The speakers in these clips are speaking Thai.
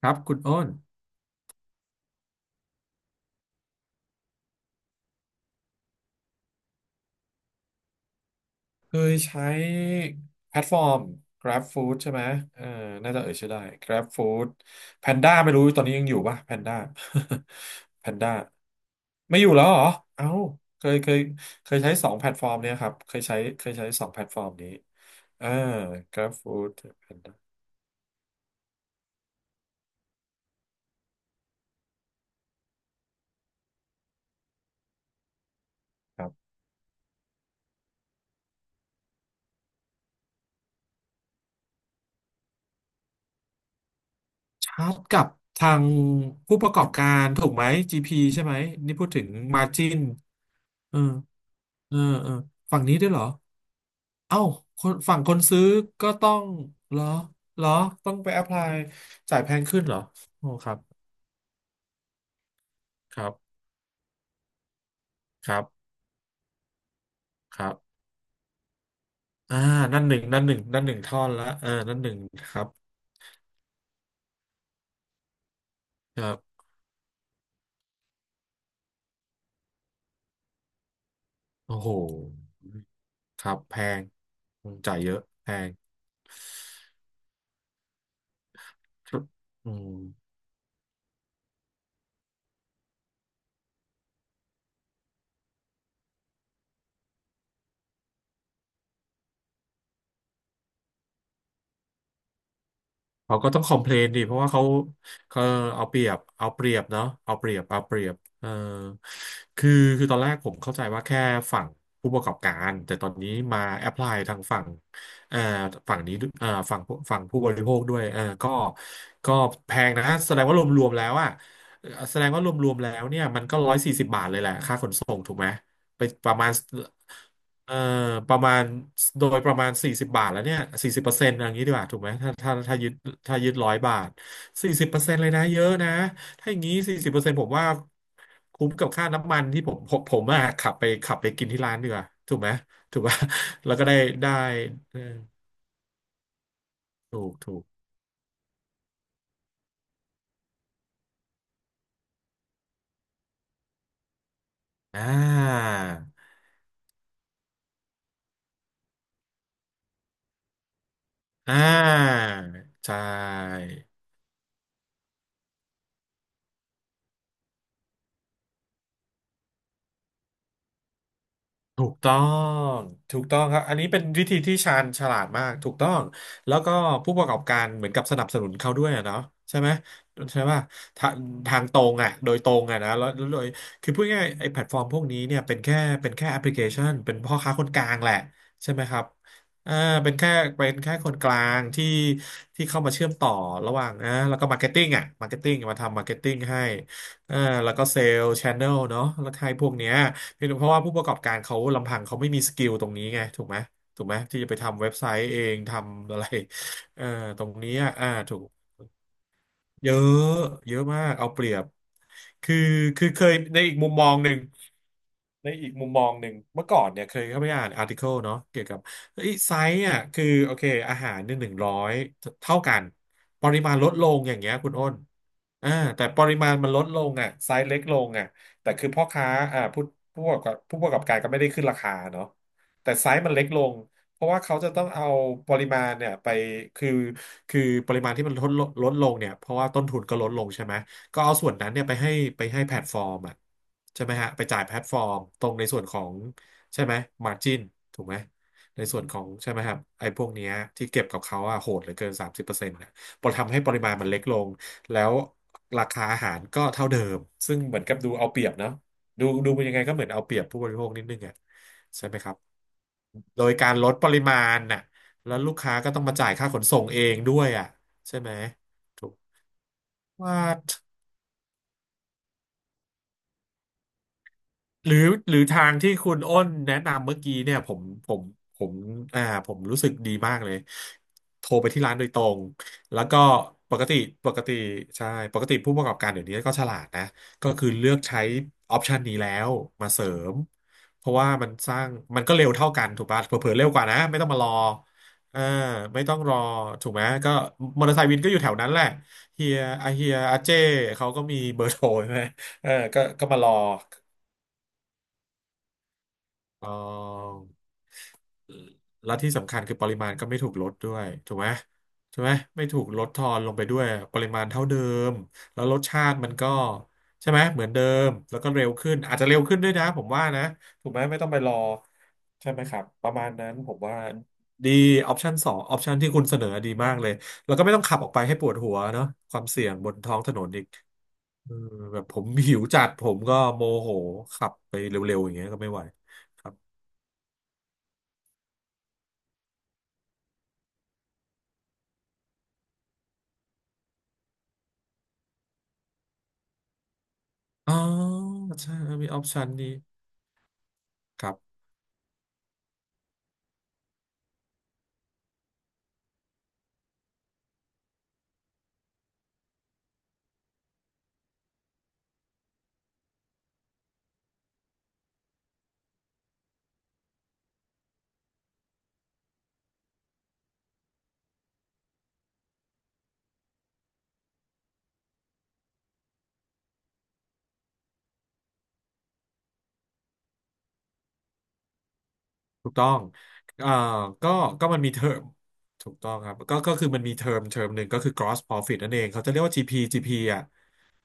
ครับคุณอ้นเคยใช้แพลตฟอร์ม Grab Food ใช่ไหมเออน่าจะเอ่ยชื่อได้ Grab Food Panda ไม่รู้ตอนนี้ยังอยู่ป่ะ Panda Panda ไม่อยู่แล้วเหรอเอ้าเคยเคยเคยใช้สองแพลตฟอร์มเนี่ยครับเคยใช้สองแพลตฟอร์มนี้เออ Grab Food Panda ครับชาร์จกับทางผู้ประกอบการถูกไหม GP ใช่ไหมนี่พูดถึงมาจินเออเออเออฝั่งนี้ด้วยเหรอ เอ้าคนฝั่งคนซื้อก็ต้องเหรอเหรอต้องไปแอพพลายจ่ายแพงขึ้นเหรอโอ้ครับครับครับครับอ่านั่นหนึ่งท่อนละนั่นหนึ่งครับครับโอ้โหครับแพงอืมจ่ายเยอะแพงครับอืม เขาก็ต้องคอมเพลนดิเพราะว่าเขาเขาเอาเปรียบเอาเปรียบเนาะเอาเปรียบเอาเปรียบคือคือตอนแรกผมเข้าใจว่าแค่ฝั่งผู้ประกอบการแต่ตอนนี้มาแอพพลายทางฝั่งเอ่อฝั่งนี้ด้วยฝั่งผู้บริโภคด้วยก็แพงนะแสดงว่ารวมๆแล้วอะแสดงว่ารวมๆแล้วเนี่ยมันก็140 บาทเลยแหละค่าขนส่งถูกไหมไปประมาณ เอ่อประมาณโดยประมาณสี่สิบบาทแล้วเนี่ยสี่สิบเปอร์เซ็นต์อย่างนี้ดีกว่าถูกไหมถ้ายึด100 บาทสี่สิบเปอร์เซ็นต์เลยนะเยอะนะถ้าอย่างนี้สี่สิบเปอร์เซ็นต์ผมว่าคุ้มกับค่าน้ำมันที่ผมอะขับไปขับไปกินที่ร้านดีกว่าถูกไหมถูกป่ะ แล้วก็ได้ได้เออถูกถูกอ่าอ่าใช่ ถูกต้องถูกต้องครับอันนี้เป็นวิธีที่ชาญฉลาดมาก ถูกต้อง แล้วก็ผู้ประกอบการเหมือนกับสนับสนุนเขาด้วยอะเนาะใช่ไหมใช่ป่ะทางทางตรงอ่ะโดยตรงอ่ะนะแล้วโดยคือพูดง่ายๆไอ้แพลตฟอร์มพวกนี้เนี่ยเป็นแค่แอปพลิเคชันเป็นพ่อค้าคนกลางแหละใช่ไหมครับอ่าเป็นแค่เป็นแค่คนกลางที่เข้ามาเชื่อมต่อระหว่างแล้วก็มาร์เก็ตติ้งอ่ะมาร์เก็ตติ้งมาทำมาร์เก็ตติ้งให้เอ่าแล้วก็เซลล์ชานเนลเนาะแล้วให้พวกเนี้ย คือเพราะว่าผู้ประกอบการเขาลำพังเขาไม่มีสกิลตรงนี้ไงถูกไหมถูกไหมที่จะไปทำเว็บไซต์เองทำอะไร เอ่อตรงนี้อ่ะถูกเยอะเยอะมากเอาเปรียบคือคือเคยในอีกมุมมองหนึ่ง ในอีกมุมมองหนึ่งเมื่อก่อนเนี่ยเคยเข้าไปอ่านอาร์ติเคิลเนาะเกี่ยวกับเฮ้ยไซส์อ่ะคือโอเคอาหารเนี่ย100เท่ากันปริมาณลดลงอย่างเงี้ยคุณอ้นอ่าแต่ปริมาณมันลดลงอ่ะไซส์เล็กลงอ่ะแต่คือพ่อค้าอ่าผู้ผู้ประกอบการก็ไม่ได้ขึ้นราคาเนาะแต่ไซส์มันเล็กลงเพราะว่าเขาจะต้องเอาปริมาณเนี่ยไปคือคือปริมาณที่มันลดลงเนี่ยเพราะว่าต้นทุนก็ลดลงใช่ไหม ก็เอาส่วนนั้นเนี่ยไปให้แพลตฟอร์มอ่ะใช่ไหมฮะไปจ่ายแพลตฟอร์มตรงในส่วนของใช่ไหมมาร์จินถูกไหมในส่วนของใช่ไหมครับไอ้พวกเนี้ยที่เก็บกับเขาอะโหดเหลือเกิน30%นะพอทำให้ปริมาณมันเล็กลงแล้วราคาอาหารก็เท่าเดิมซึ่งเหมือนกับดูเอาเปรียบเนาะดูเป็นยังไงก็เหมือนเอาเปรียบผู้บริโภคนิดนึงอ่ะใช่ไหมครับโดยการลดปริมาณน่ะแล้วลูกค้าก็ต้องมาจ่ายค่าขนส่งเองด้วยอ่ะใช่ไหมถูกว่า หรือหรือทางที่คุณอ้นแนะนำเมื่อกี้เนี่ยผมผมอ่าผมรู้สึกดีมากเลยโทรไปที่ร้านโดยตรงแล้วก็ปกติปกติใช่ปกติผู้ประกอบการเดี๋ยวนี้ก็ฉลาดนะก็คือเลือกใช้ออปชันนี้แล้วมาเสริมเพราะว่ามันสร้างมันก็เร็วเท่ากันถูกป่ะเผลอๆเร็วกว่านะไม่ต้องมารอเออไม่ต้องรอถูกไหมก็มอเตอร์ไซค์วินก็อยู่แถวนั้นแหละเฮียอาเฮียอาเจ้เขาก็มีเบอร์โทรใช่ไหมก็มารอ เออแล้วที่สำคัญคือปริมาณก็ไม่ถูกลดด้วยถูกไหมไม่ถูกลดทอนลงไปด้วยปริมาณเท่าเดิมแล้วรสชาติมันก็ใช่ไหมเหมือนเดิมแล้วก็เร็วขึ้นอาจจะเร็วขึ้นด้วยนะผมว่านะถูกไหมไม่ต้องไปรอใช่ไหมครับประมาณนั้นผมว่าดีออปชันสองออปชันที่คุณเสนอดีมากเลยแล้วก็ไม่ต้องขับออกไปให้ปวดหัวเนาะความเสี่ยงบนท้องถนนอีกเออแบบผมหิวจัดผมก็โมโหขับไปเร็วๆอย่างเงี้ยก็ไม่ไหวครับ อ๋อใช่มีออปชันนี้ครับถูกต้องเอ่อก็ก็มันมีเทอมถูกต้องครับก็คือมันมีเทอมหนึ่งก็คือ gross profit นั่นเองเขาจะเรียกว่า GP GP อ่ะ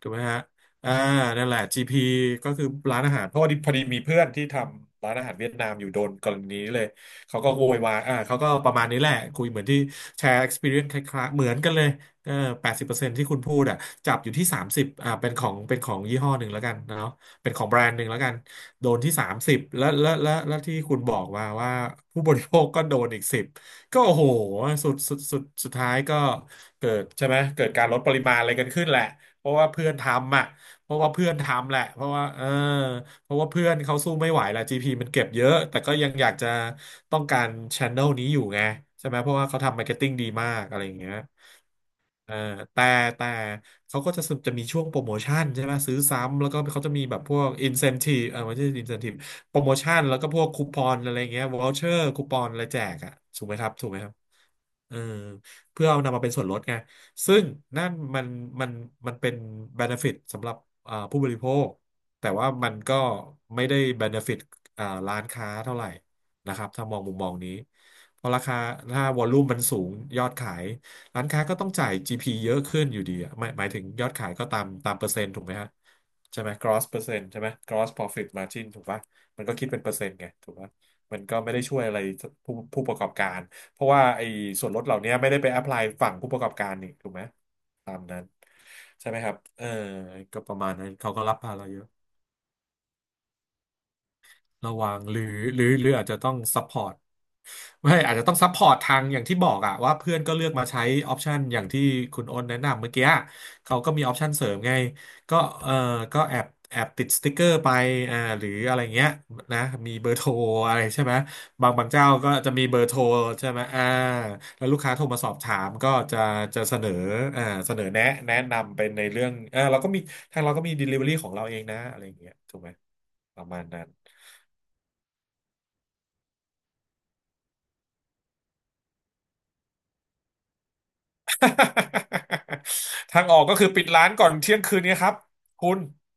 ถูกไหมฮะอ่านั่นแหละ GP ก็คือร้านอาหารเพราะว่าพอดีมีเพื่อนที่ทำร้านอาหารเวียดนามอยู่โดนกรณีนี้เลย เขาก็โวยวายเขาก็ประมาณนี้แหละคุยเหมือนที่แชร์ experience คล้ายๆเหมือนกันเลยเออ80%ที่คุณพูดอ่ะจับอยู่ที่สามสิบเป็นของเป็นของยี่ห้อหนึ่งแล้วกันเนาะเป็นของแบรนด์หนึ่งแล้วกัน โดนที่30แล้วที่คุณบอกมาว่าผู้บริโภคก็โดนอีกสิบก็โอ้โหสุดท้ายก็เกิดใช่ไหมเกิดการลดปริมาณอะไรกันขึ้นแหละ เพราะว่าเพื่อนทำอ่ะเพราะว่าเพื่อนทำแหละ เพราะว่าเพราะว่าเพื่อนเขาสู้ไม่ไหวละ GP มันเก็บเยอะแต่ก็ยังอยากจะต้องการช n นลนี้อยู่ไงใช่ไหมเพราะว่าเขาทำมาร์เก็ตติ้งดีมากอะไรอย่างเงี้ยเออแต่แต่เขาก็จะมีช่วงโปรโมชั่นใช่ไหมซื้อซ้ำแล้วก็เขาจะมีแบบพวก incentive เออไม่ใช่ incentive โปรโมชั่นแล้วก็พวกคูปองอะไรเงี้ย voucher คูปองอะไรแจกอ่ะถูกไหมครับถูกไหมครับ เออเพื่อเอานำมาเป็นส่วนลดไงซึ่งนั่นมันมันมันเป็น benefit สำหรับผู้บริโภคแต่ว่ามันก็ไม่ได้ benefit ร้านค้าเท่าไหร่นะครับถ้ามองมุมมองนี้เพราะราคาถ้าวอลลุ่มมันสูงยอดขายร้านค้าก็ต้องจ่าย GP เยอะขึ้นอยู่ดีอะหมายถึงยอดขายก็ตามเปอร์เซ็นต์ถูกไหมฮะใช่ไหม gross เปอร์เซ็นต์ใช่ไหม gross profit margin ถูกปะมันก็คิดเป็นเปอร์เซ็นต์ไงถูกปะมันก็ไม่ได้ช่วยอะไรผู้ประกอบการ เพราะว่าไอ้ส่วนลดเหล่านี้ไม่ได้ไปแอพพลายฝั่งผู้ประกอบการนี่ถูกไหมตามนั้นใช่ไหมครับก็ประมาณนั้นเขาก็รับภาระเยอะ ระวังหรือหรืออาจจะต้องซัพพอร์ตไม่อาจจะต้องซัพพอร์ตทางอย่างที่บอกอะว่าเพื่อนก็เลือกมาใช้ออปชันอย่างที่คุณโอ้นแนะนำเมื่อกี้อะเขาก็มีออปชันเสริมไงก็เออก็แอบติดสติกเกอร์ไปหรืออะไรเงี้ยนะมีเบอร์โทรอะไรใช่ไหมบางเจ้าก็จะมีเบอร์โทรใช่ไหมแล้วลูกค้าโทรมาสอบถามก็จะเสนอเสนอแนะแนะนำเป็นในเรื่องอ่าเราก็มีทางเราก็มี Delivery ของเราเองนะอะไรเงี้ยถูกไหมประมาณนั้น ทางออกก็คือปิดร้านก่อนเที่ยงคืนเนี้ครับคุณ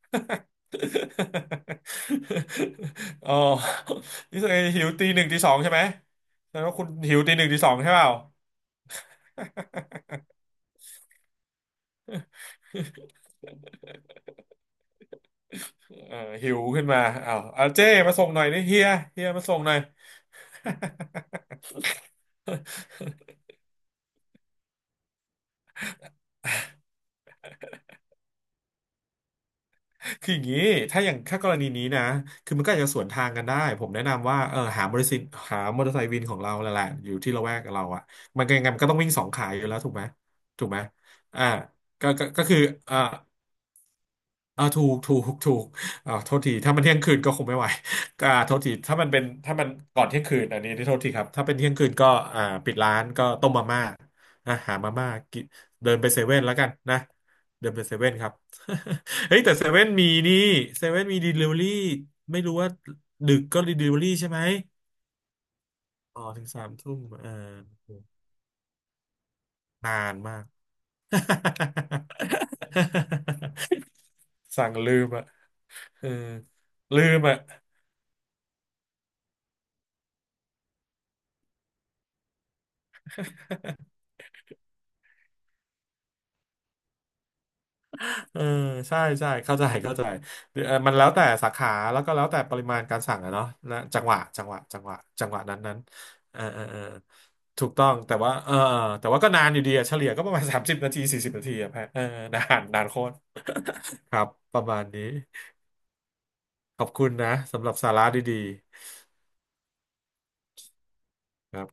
อ๋อนี่แสดงหิวตีหนึ่งตีสองใช่ไหมแสดงว่าคุณหิวตีหนึ่งตีสองใช่เปล่า เออหิวขึ้นมาอ้าวเอาเจ้มาส่งหน่อยนี่เฮียเฮียมาส่งหน่อย คืออย่างนี้ถ้าอย่างถ้ากรณีนี้นะคือมันก็อาจจะสวนทางกันได้ผมแนะนำว่าหาบริษัทหามอเตอร์ไซค์วินของเราแหละอยู่ที่ละแวกกับเราอะมันก็ยังไงมันก็ต้องวิ่งสองขาอยู่แล้วถูกไหมถูกไหมอ่าก็คือเอ่อ ถูกโทษทีถ้ามันเที่ยงคืนก็คงไม่ไหวโทษทีถ้ามันเป็นถ้ามันก่อนเที่ยงคืนอันนี้ที่โทษทีครับถ้าเป็นเที่ยงคืนก็ปิดร้านก็ต้มมาม่านะหามาม่ากินเดินไปเซเว่นแล้วกันนะเดินไปเซเว่นครับ เฮ้ยแต่เซเว่นมีนี่เซเว่นมีด e ลิเวอรี่ไม่รู้ว่าดึกก็ด e ลิเวอรี่ใช่ไหมอ๋อถึงสามทุ่มนานมาก สั่งลืมอ่ะเออลืมอ่ะ เออใช่ใช่เข้าใจเข้าใจมันแล้วแต่สาขาแล้วก็แล้วแต่ปริมาณการสั่งอะเนาะนะจังหวะจังหวะจังหวะจังหวะนั้นนั้นเออเออเออถูกต้องแต่ว่าแต่ว่าก็นานอยู่ดีอะเฉลี่ยก็ประมาณ 30 นาที 40 นาทีอะแพะนานโคตรครับประมาณนี้ขอบคุณนะสำหรับสาระดีๆครับ